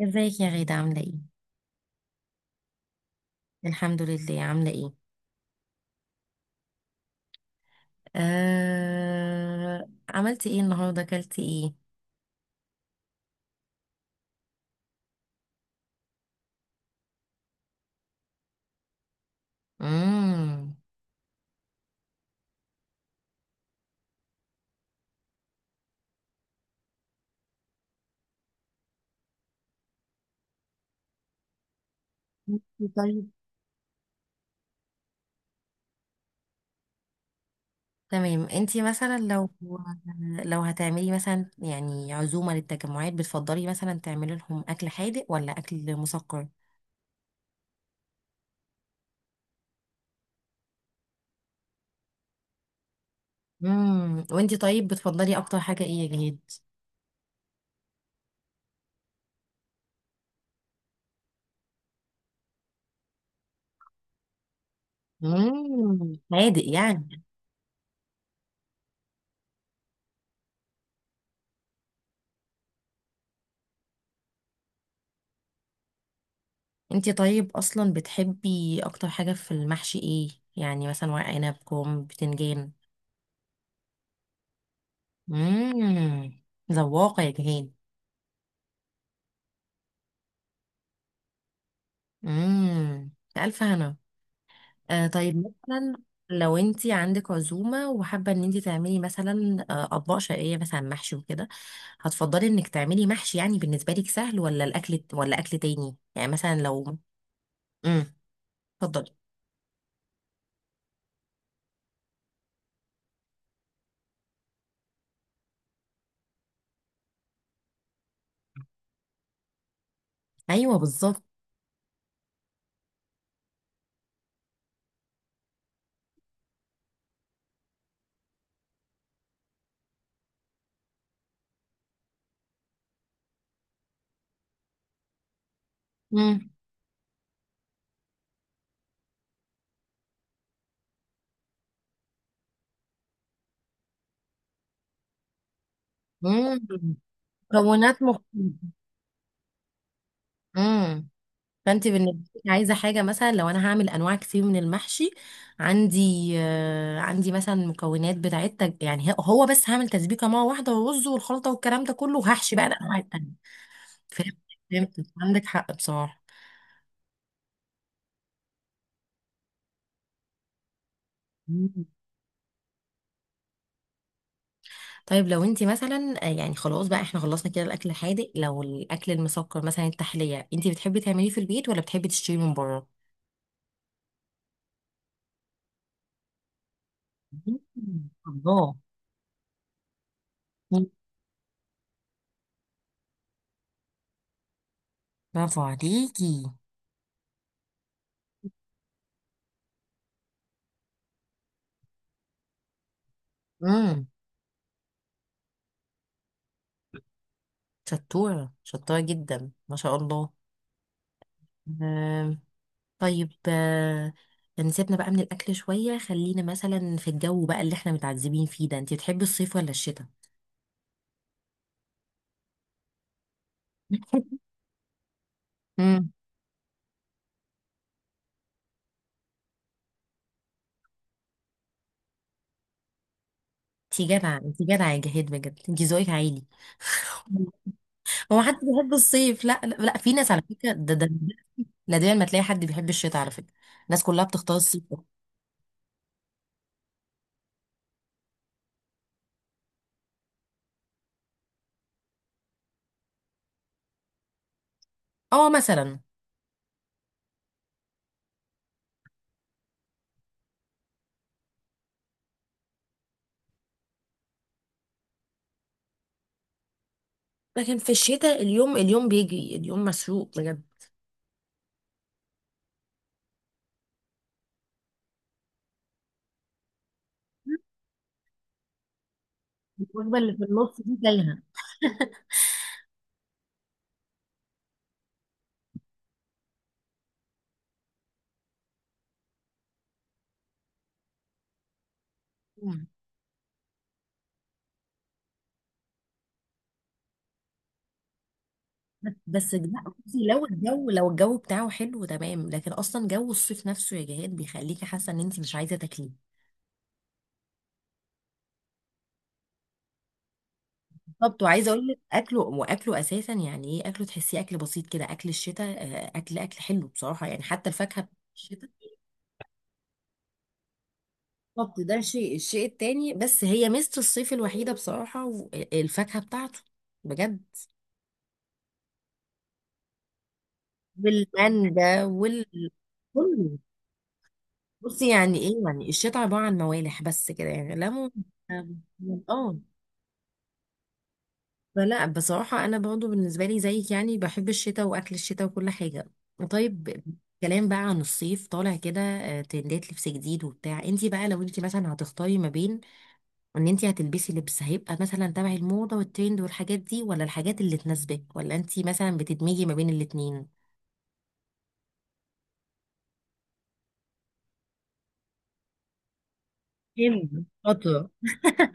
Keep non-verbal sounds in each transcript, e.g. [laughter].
ازيك يا غيدة، عاملة ايه؟ الحمد لله، عاملة ايه؟ عملتي ايه النهاردة، اكلتي ايه؟ مم. طيب، تمام. انتي مثلا لو هتعملي مثلا يعني عزومة للتجمعات، بتفضلي مثلا تعملي لهم اكل حادق ولا اكل مسكر؟ مم. وانتي طيب بتفضلي اكتر حاجة ايه يا جهاد؟ مم. حادق يعني. انتي طيب اصلا بتحبي اكتر حاجة في المحشي ايه؟ يعني مثلا ورق عنب، كرنب، بتنجان. امم. ذواقة يا جهان. امم. ألف هنا. طيب، مثلا لو انت عندك عزومة وحابة ان انت تعملي مثلا أطباق شرقية، مثلا محشي وكده، هتفضلي انك تعملي محشي يعني بالنسبة لك سهل، ولا الأكل، ولا أكل تاني؟ يعني مثلا لو... امم. اتفضلي. ايوه، بالظبط. امم. امم. مكونات مختلفة. فانت بالنسبه لك عايزه حاجه، مثلا لو انا هعمل انواع كتير من المحشي، عندي مثلا مكونات بتاعت يعني هو، بس هعمل تسبيكه مره واحده والرز والخلطه والكلام ده كله، وهحشي بقى الانواع التانيه. فهمت. فهمت، عندك حق بصراحه. مم. طيب لو انت مثلا يعني خلاص بقى، احنا خلصنا كده الاكل الحادق. لو الاكل المسكر، مثلا التحليه، انت بتحبي تعمليه في البيت ولا بتحبي تشتري من بره؟ مم. الله. مم. برافو عليكي. امم. شطوره، شطوره جدا ما شاء الله. آه، طيب. نسيبنا بقى من الأكل شوية، خلينا مثلا في الجو، بقى اللي احنا متعذبين فيه ده، انتي بتحبي الصيف ولا الشتاء؟ [laughs] امم. انتي جدعة، انتي جدعة يا جهاد، بجد انتي ذوقك عالي. هو حد بيحب الصيف؟ لا، لا، لا، في ناس على فكرة. ده نادرا ما تلاقي حد بيحب الشتاء على فكرة. الناس كلها بتختار الصيف. اه، مثلا. لكن في الشتاء، اليوم، اليوم بيجري، اليوم مسروق بجد. الوجبة اللي في النص دي تايهة. بس لا، بصي، لو الجو بتاعه حلو تمام، لكن اصلا جو الصيف نفسه يا جهاد بيخليكي حاسه ان انت مش عايزه تاكليه. بالظبط. وعايزه اقول لك، اكله واكله اساسا. يعني ايه اكله؟ تحسيه اكل بسيط كده. اكل الشتاء، اكل حلو بصراحه، يعني حتى الفاكهه بتاعت الشتاء. بالظبط. ده الشيء التاني. بس هي ميزه الصيف الوحيده بصراحه، الفاكهه بتاعته. بجد. والمانجا كله. بصي يعني ايه؟ يعني الشتاء عباره عن موالح بس كده، يعني ليمون. اه. آه. فلا بصراحة، أنا برضو بالنسبة لي زيك، يعني بحب الشتاء وأكل الشتاء وكل حاجة. طيب، كلام بقى عن الصيف طالع كده ترندات لبس جديد وبتاع. انتي بقى لو انتي مثلا هتختاري ما بين ان انتي هتلبسي لبس هيبقى مثلا تبع الموضة والترند والحاجات دي، ولا الحاجات اللي تناسبك، ولا انتي مثلا بتدمجي ما بين الاتنين؟ ترند. شاطرة. [laughs]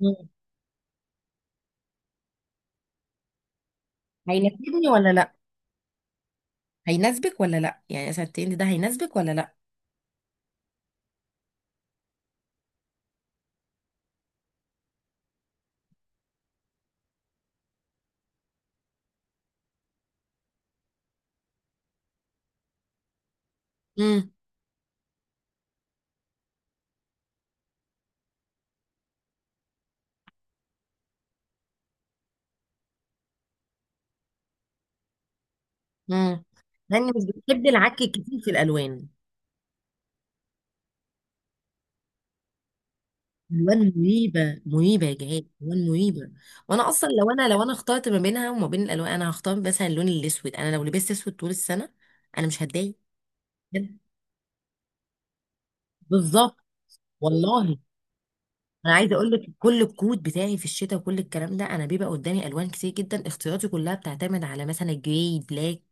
مم. هيناسبني ولا لا؟ هيناسبك ولا لا؟ يعني مثلا الترند ده هيناسبك ولا لا؟ امم. امم. لاني مش بتحبي العك الكتير في الالوان. الوان مريبه، مريبه يا جهاد، الوان مريبه. وانا اصلا، لو انا اخترت ما بينها وما بين الالوان، انا هختار مثلا اللون الاسود. انا لو لبست اسود طول السنه، انا مش هتضايق. بجد. بالظبط. والله. انا عايزه اقول لك، كل الكود بتاعي في الشتاء وكل الكلام ده، انا بيبقى قدامي الوان كتير جدا، اختياراتي كلها بتعتمد على مثلا جراي، بلاك،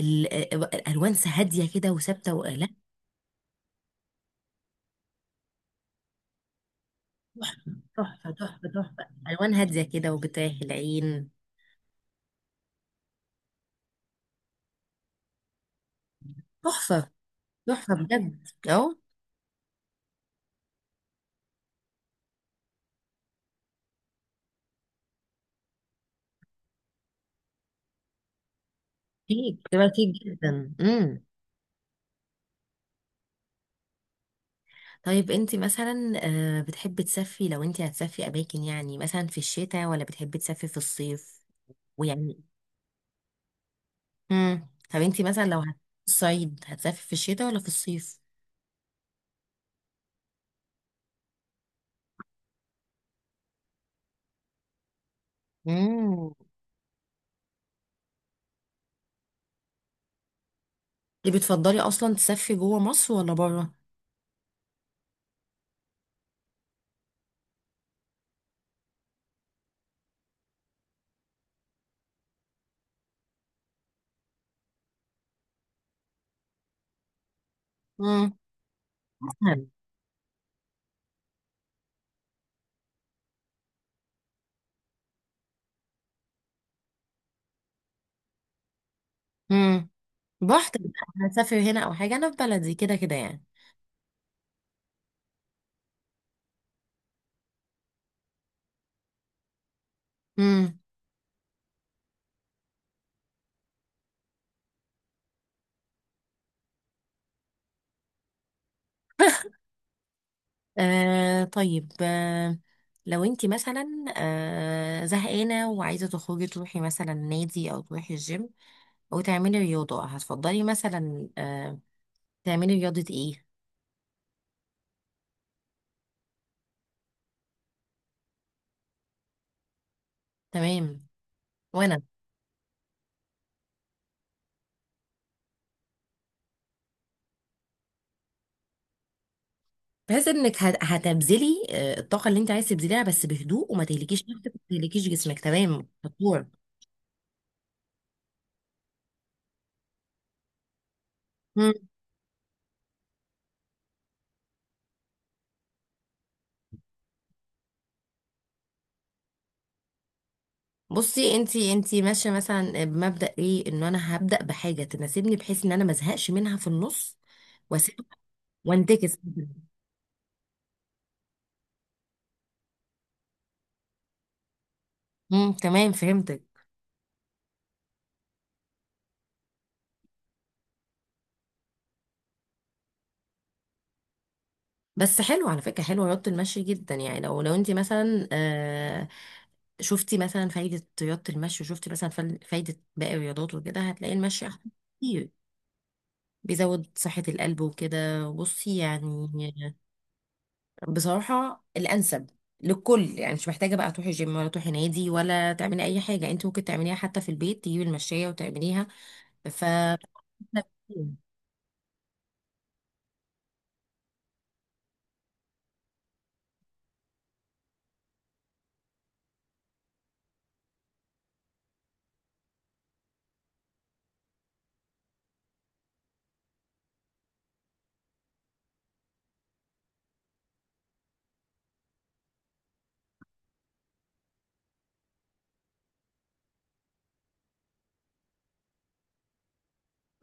ال- الالوان هاديه كده وثابته، لا. تحفه، تحفه، تحفه، تحفه. الوان هاديه كده وبتريح العين. تحفه، تحفه بجد اهو. كتير، بتبقى كتير جدا. امم. طيب انت مثلا بتحبي تسافري. لو انت هتسافري اماكن يعني، مثلا في الشتاء ولا بتحبي تسافري في الصيف؟ ويعني... امم. طب انت مثلا لو هتسافري في الشتاء ولا في الصيف؟ امم. انت بتفضلي اصلا تسافري جوه مصر ولا بره؟ امم. مثلا. امم. بحت. هتسافري هنا او حاجه. انا في بلدي كده كده يعني. امم. [laughs] طيب. لو انت مثلا زهقانة وعايزة تخرجي، تروحي مثلا نادي او تروحي الجيم او تعملي رياضة، هتفضلي مثلا تعملي رياضة ايه؟ تمام. وانا. بحيث انك هتبذلي الطاقة اللي انت عايز تبذليها، بس بهدوء، وما تهلكيش نفسك وما تهلكيش جسمك. تمام دكتور. مم. بصي، انت ماشية مثلا بمبدأ ايه؟ ان انا هبدأ بحاجة تناسبني، بحيث ان انا ما ازهقش منها في النص واسيب وانتكس. امم، تمام، فهمتك. بس حلو على فكرة، حلو رياضة المشي جدا. يعني لو انت مثلا شفتي مثلا فايدة رياضة المشي، وشفتي مثلا فايدة باقي الرياضات وكده، هتلاقي المشي احسن كتير. بيزود صحة القلب وكده، بصي يعني، بصراحة الأنسب للكل. يعني مش محتاجة بقى تروحي جيم ولا تروحي نادي ولا تعملي أي حاجة. انت ممكن تعمليها حتى في البيت، تجيبي المشاية وتعمليها. ف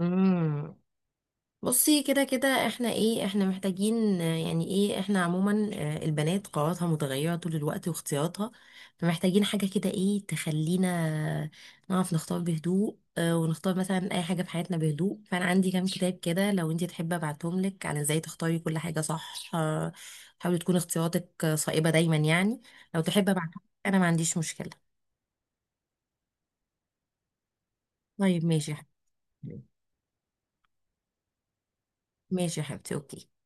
امم. بصي، كده كده احنا ايه. احنا محتاجين يعني ايه، احنا عموما البنات قواتها متغيرة طول الوقت واختياراتها، فمحتاجين حاجة كده ايه تخلينا نعرف نختار بهدوء. ونختار مثلا اي حاجة في حياتنا بهدوء. فانا عندي كام كتاب كده، لو انتي تحبي ابعتهم لك عن ازاي تختاري كل حاجة صح، حاولي تكون اختياراتك صائبة دايما يعني. لو تحبي ابعتهم لك، انا ما عنديش مشكلة. طيب، ماشي يا حبيبتي. ماشي يا حبيبتي، اوكي.